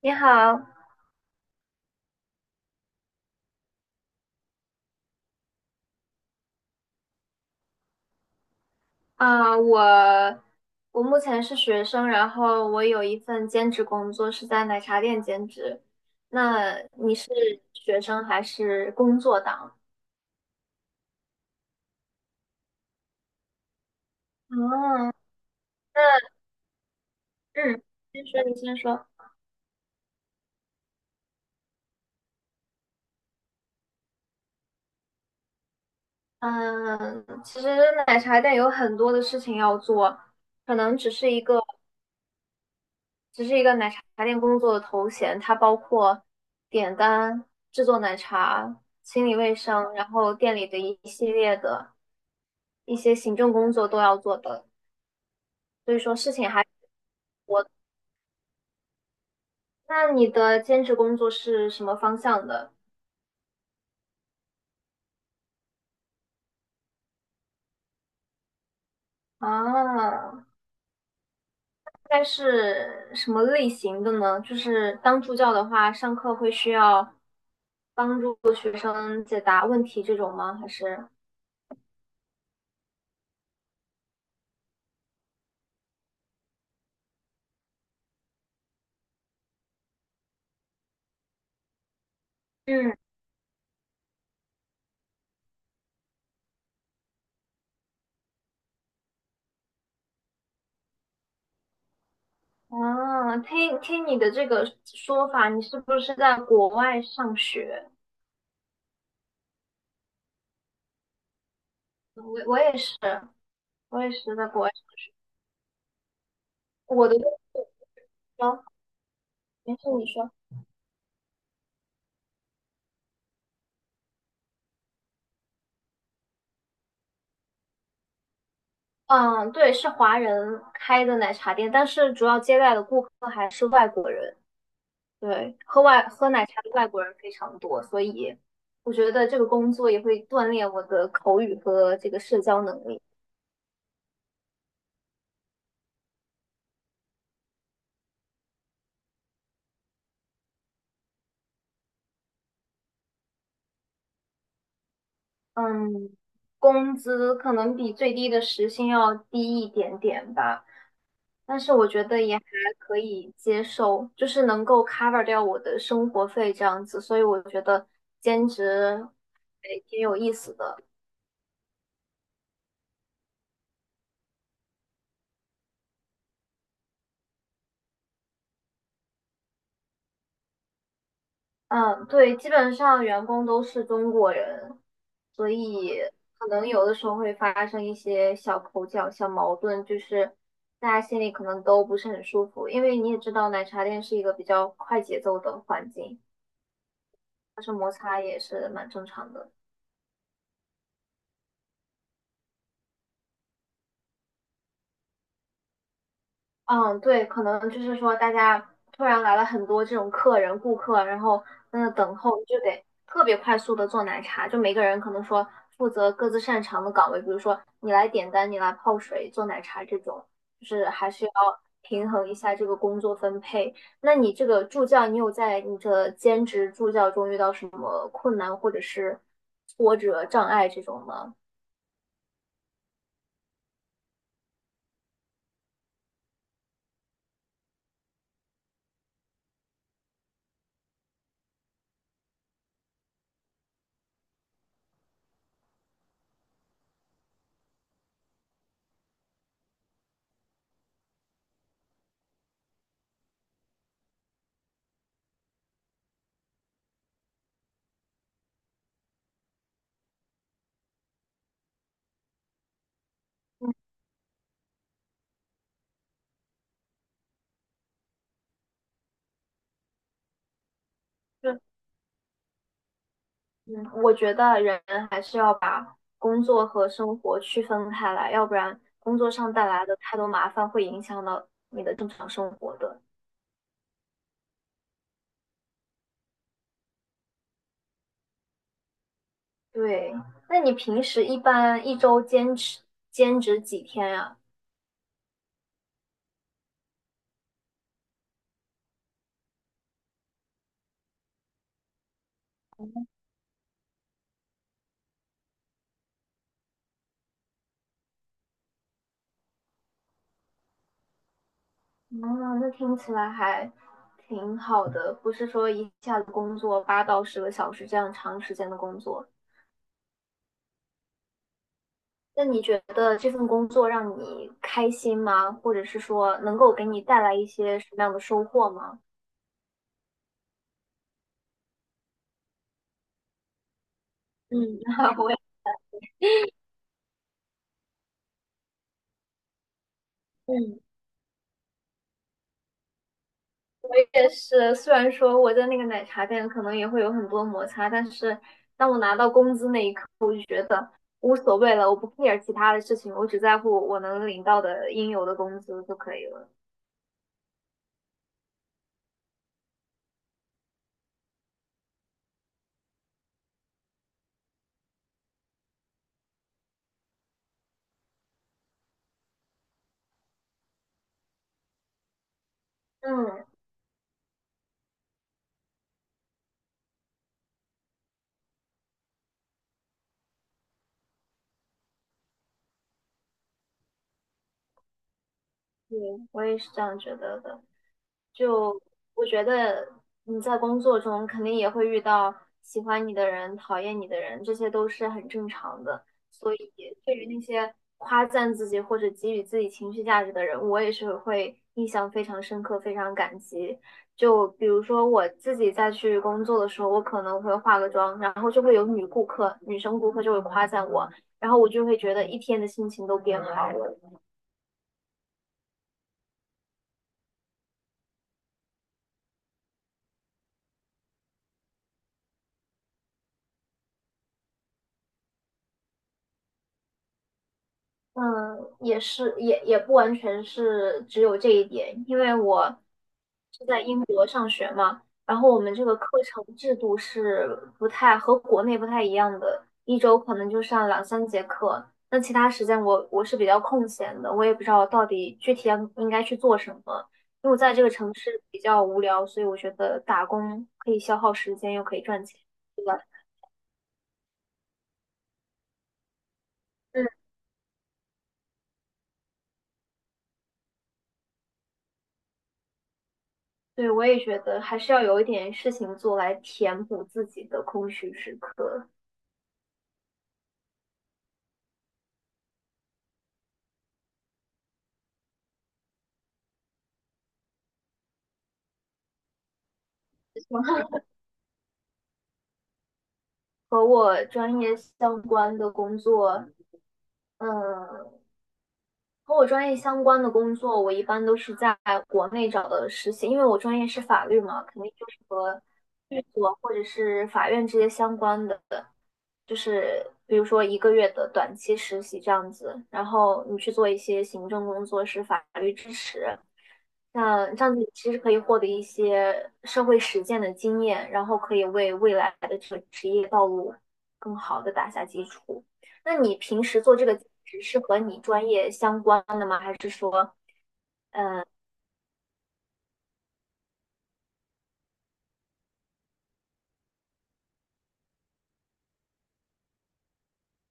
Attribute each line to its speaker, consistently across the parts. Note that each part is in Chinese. Speaker 1: 你好，啊、我我目前是学生，然后我有一份兼职工作是在奶茶店兼职。那你是学生还是工作党？哦，那嗯，先说，你先说。嗯，其实奶茶店有很多的事情要做，可能只是一个奶茶店工作的头衔，它包括点单、制作奶茶、清理卫生，然后店里的一系列的一些行政工作都要做的，所以说事情还挺多的。那你的兼职工作是什么方向的？啊？大概是什么类型的呢？就是当助教的话，上课会需要帮助学生解答问题这种吗？还是？嗯。啊，听听你的这个说法，你是不是在国外上学？我也是，我也是在国外。我的工作，没事，你说。嗯，对，是华人开的奶茶店，但是主要接待的顾客还是外国人。对，喝奶茶的外国人非常多，所以我觉得这个工作也会锻炼我的口语和这个社交能力。嗯，工资可能比最低的时薪要低一点点吧，但是我觉得也还可以接受，就是能够 cover 掉我的生活费这样子，所以我觉得兼职还挺有意思的。嗯，对，基本上员工都是中国人，所以可能有的时候会发生一些小口角、小矛盾，就是大家心里可能都不是很舒服，因为你也知道奶茶店是一个比较快节奏的环境，发生摩擦也是蛮正常的。嗯，对，可能就是说大家突然来了很多这种客人、顾客，然后在那等候，就得特别快速的做奶茶。就每个人可能说负责各自擅长的岗位，比如说你来点单，你来泡水、做奶茶这种，就是还是要平衡一下这个工作分配。那你这个助教，你有在你的兼职助教中遇到什么困难或者是挫折、障碍这种吗？嗯，我觉得人还是要把工作和生活区分开来，要不然工作上带来的太多麻烦会影响到你的正常生活的。对，那你平时一般一周兼职几天呀？嗯，那听起来还挺好的，不是说一下子工作八到十个小时这样长时间的工作。那你觉得这份工作让你开心吗？或者是说能够给你带来一些什么样的收获吗？嗯，我。嗯，也是。虽然说我在那个奶茶店可能也会有很多摩擦，但是当我拿到工资那一刻，我就觉得无所谓了，我不 care 其他的事情，我只在乎我能领到的应有的工资就可以了。嗯，对，我也是这样觉得的。就我觉得你在工作中肯定也会遇到喜欢你的人、讨厌你的人，这些都是很正常的。所以对于那些夸赞自己或者给予自己情绪价值的人，我也是会印象非常深刻、非常感激。就比如说我自己在去工作的时候，我可能会化个妆，然后就会有女顾客、女生顾客就会夸赞我，然后我就会觉得一天的心情都变好了。嗯，也是，也不完全是只有这一点，因为我是在英国上学嘛，然后我们这个课程制度是不太和国内不太一样的，一周可能就上两三节课，那其他时间我是比较空闲的，我也不知道到底具体要应该去做什么，因为我在这个城市比较无聊，所以我觉得打工可以消耗时间，又可以赚钱，对吧？嗯。对，我也觉得还是要有一点事情做来填补自己的空虚时刻。和我专业相关的工作，嗯，和我专业相关的工作，我一般都是在国内找的实习，因为我专业是法律嘛，肯定就是和律所或者是法院这些相关的，就是比如说一个月的短期实习这样子，然后你去做一些行政工作是法律支持，那这样子其实可以获得一些社会实践的经验，然后可以为未来的这个职业道路更好的打下基础。那你平时做这个兼职是和你专业相关的吗？还是说，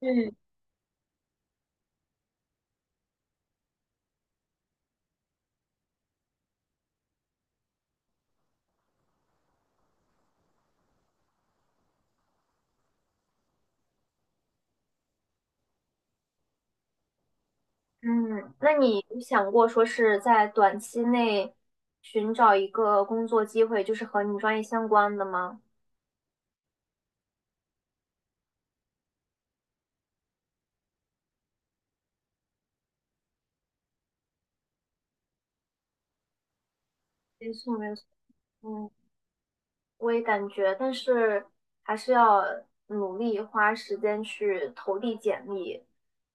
Speaker 1: 嗯。嗯，那你有想过说是在短期内寻找一个工作机会，就是和你专业相关的吗？没错，没错，嗯，我也感觉，但是还是要努力花时间去投递简历，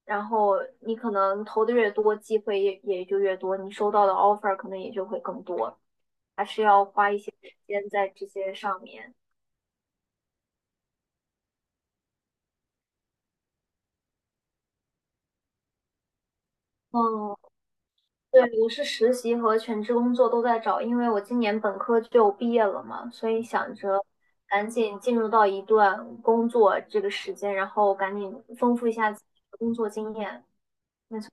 Speaker 1: 然后你可能投的越多，机会也就越多，你收到的 offer 可能也就会更多，还是要花一些时间在这些上面。嗯，对，我是实习和全职工作都在找，因为我今年本科就毕业了嘛，所以想着赶紧进入到一段工作这个时间，然后赶紧丰富一下自己的工作经验。没错。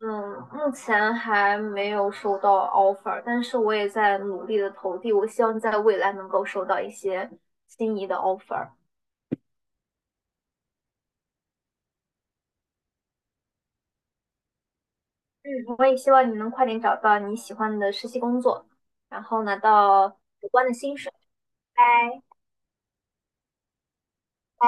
Speaker 1: 嗯，目前还没有收到 offer，但是我也在努力的投递，我希望在未来能够收到一些心仪的 offer。嗯，我也希望你能快点找到你喜欢的实习工作，然后拿到有关的薪水。拜拜。